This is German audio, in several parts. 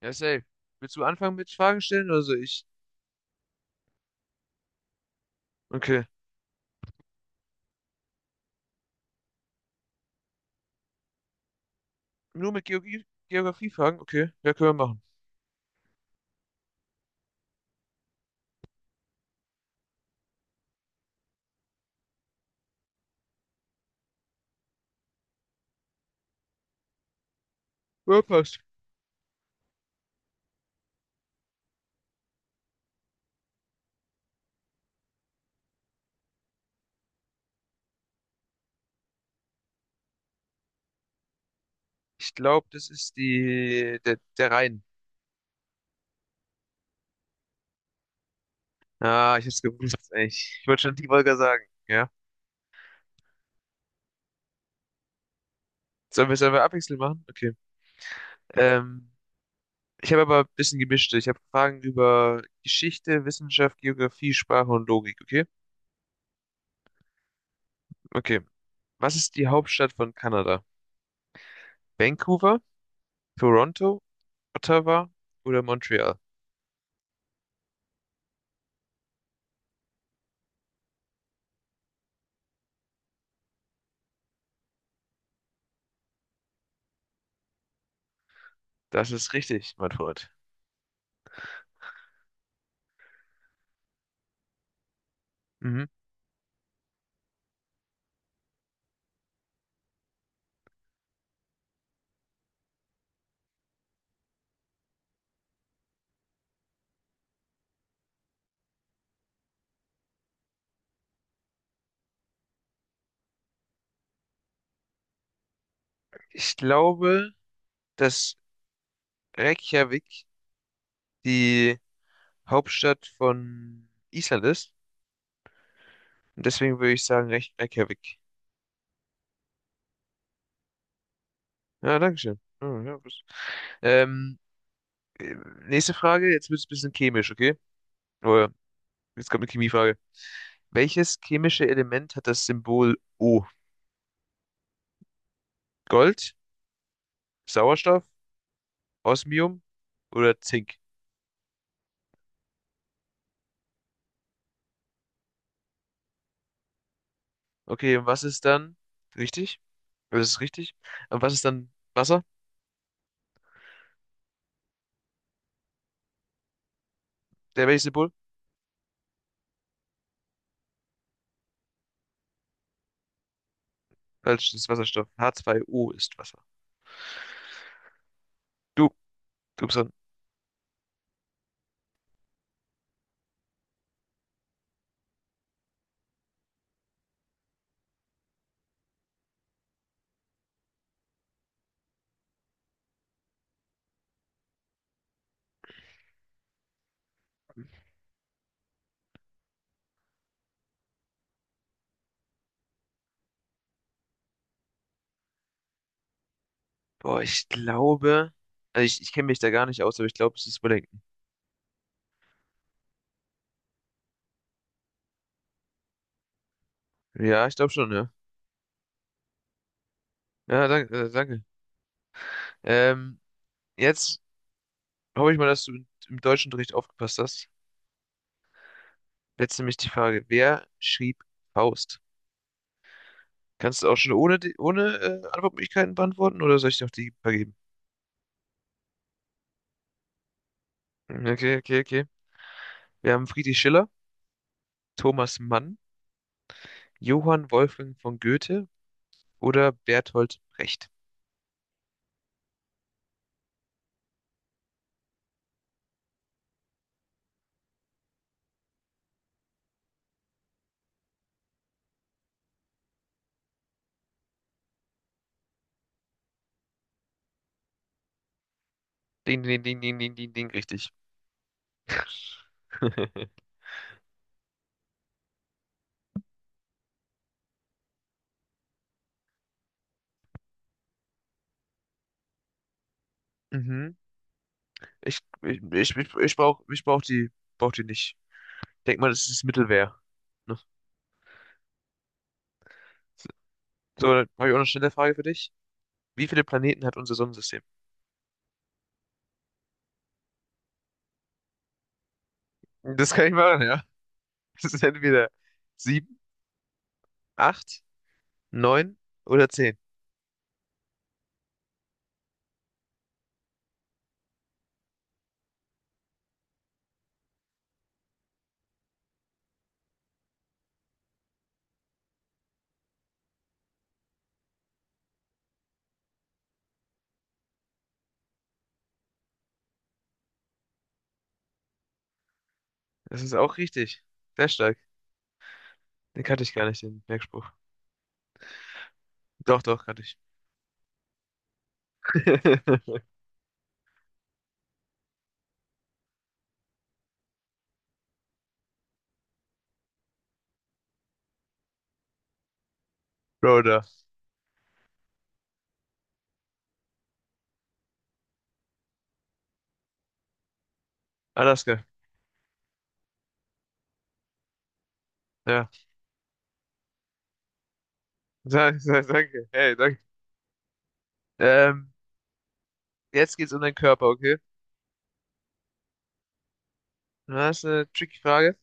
Ja, safe. Willst du anfangen mit Fragen stellen oder soll ich? Okay. Nur mit Geografie, Geografiefragen? Okay, ja, können wir machen. Ja, passt. Ich glaube, das ist der Rhein. Ah, ich hab's gewusst, ey. Ich wollte schon die Wolga sagen, ja. Sollen wir es einfach abwechselnd machen? Okay. Ähm, ich habe aber ein bisschen gemischt. Ich habe Fragen über Geschichte, Wissenschaft, Geografie, Sprache und Logik, okay? Okay. Was ist die Hauptstadt von Kanada? Vancouver, Toronto, Ottawa oder Montreal? Das ist richtig, mein Freund. Mhm. Ich glaube, dass Reykjavik die Hauptstadt von Island ist. Und deswegen würde ich sagen Reykjavik. Ja, danke schön. Oh, ja, ähm, äh, nächste Frage, jetzt wird es ein bisschen chemisch, okay? Oh, jetzt kommt eine Chemiefrage. Welches chemische Element hat das Symbol O? Gold, Sauerstoff, Osmium oder Zink? Okay, und was ist dann richtig? Das ist richtig. Und was ist dann Wasser? Der welches Symbol? Falsch, das ist Wasserstoff. H2O ist Wasser. Du, Gibson. Boah, ich glaube, also ich kenne mich da gar nicht aus, aber ich glaube, es ist Wellington. Ja, ich glaube schon, ja. Ja, danke, danke. Ähm, jetzt hoffe ich mal, dass du im Deutschunterricht aufgepasst hast. Jetzt nämlich die Frage, wer schrieb Faust? Kannst du auch schon ohne Antwortmöglichkeiten beantworten oder soll ich dir noch die vergeben? Okay, okay, okay. Wir haben Friedrich Schiller, Thomas Mann, Johann Wolfgang von Goethe oder Bertolt Brecht. Ding, ding, ding, ding, ding, ding, ding, richtig. Mhm. Ich brauch die nicht. Denk mal, das ist Mittelwehr. Ne? So, ja, dann habe ich auch noch schnell eine Frage für dich. Wie viele Planeten hat unser Sonnensystem? Das kann ich machen, ja. Das ist entweder sieben, acht, neun oder zehn. Das ist auch richtig. Sehr stark. Den kannte ich gar nicht, den Merkspruch. Doch, doch, kannte ich. Broder. Alaska. Ja. Danke, danke. Hey, danke. Ähm, jetzt geht's um deinen Körper, okay? Das ist eine tricky Frage.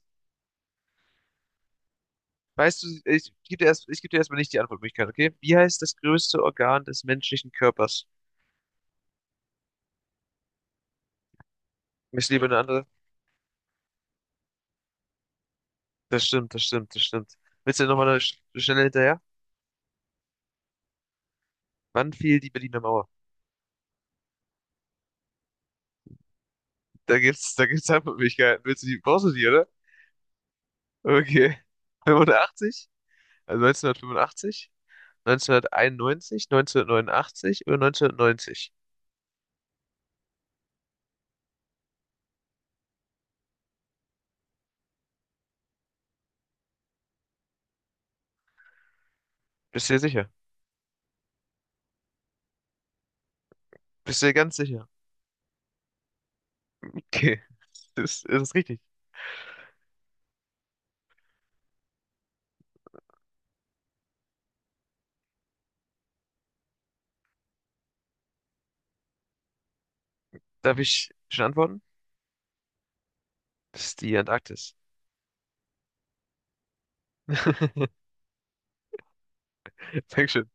Weißt du, ich gebe dir erstmal nicht die Antwortmöglichkeit, okay? Wie heißt das größte Organ des menschlichen Körpers? Ich liebe eine andere. Das stimmt, das stimmt, das stimmt. Willst du nochmal eine schnelle hinterher? Wann fiel die Berliner Mauer? Da gibt's Antwortmöglichkeiten. Willst du die, brauchst du die, oder? Okay. 85? Also 1985? 1991? 1989 oder 1990? Bist du dir sicher? Bist du dir ganz sicher? Okay. Das ist richtig. Darf ich schon antworten? Das ist die Antarktis. Dankeschön.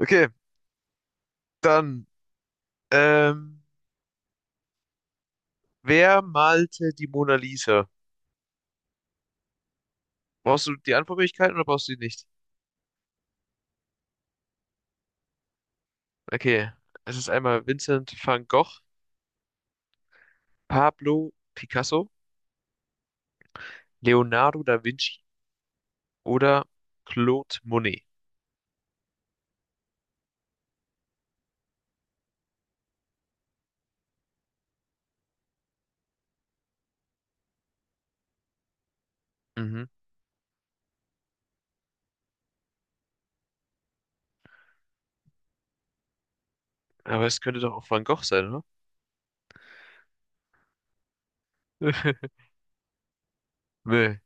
Okay, dann, ähm, wer malte die Mona Lisa? Brauchst du die Antwortmöglichkeiten oder brauchst du die nicht? Okay, es ist einmal Vincent van Gogh, Pablo Picasso, Leonardo da Vinci oder Claude Monet. Mhm. Aber es könnte doch auch Van Gogh sein, oder? Nee,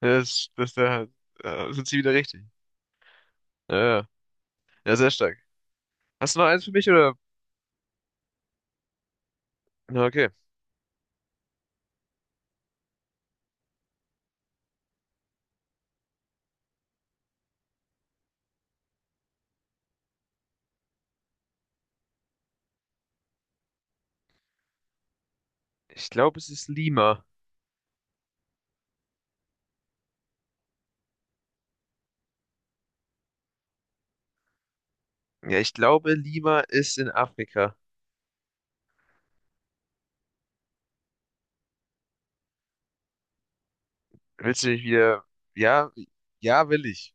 das, das da, da sind sie wieder richtig. Ja, ja, ja, sehr stark. Hast du noch eins für mich oder? Na, okay. Ich glaube, es ist Lima. Ja, ich glaube, Lima ist in Afrika. Willst du mich wieder? Ja, ja, will ich.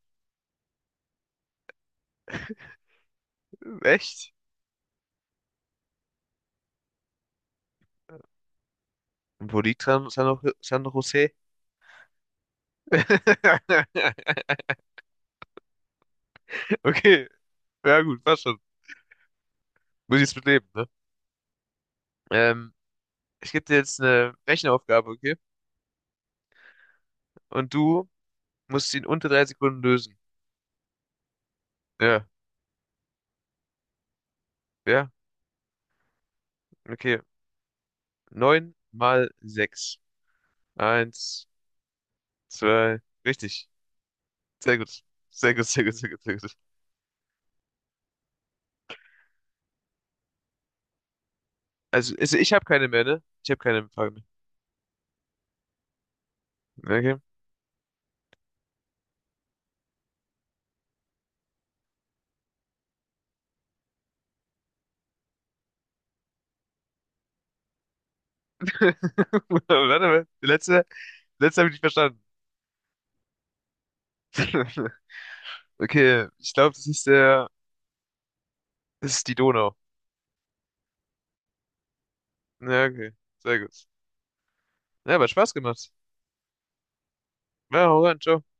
Echt? Und wo liegt San Jose? Okay, ja gut, passt schon. Muss ich jetzt mitleben, ne? Ähm, ich gebe dir jetzt eine Rechenaufgabe, okay? Und du musst sie in unter 3 Sekunden lösen. Ja, ja, okay. Neun mal sechs. Eins, zwei, richtig. Sehr gut. Sehr gut, sehr gut, sehr gut, sehr gut. Also, ich habe keine mehr, ne? Ich habe keine Fragen mehr. Okay. Warte mal, die letzte habe ich nicht verstanden. Okay, ich glaube, das ist die Donau. Ja, okay, sehr gut. Ja, aber Spaß gemacht. Ja, hau rein, ciao.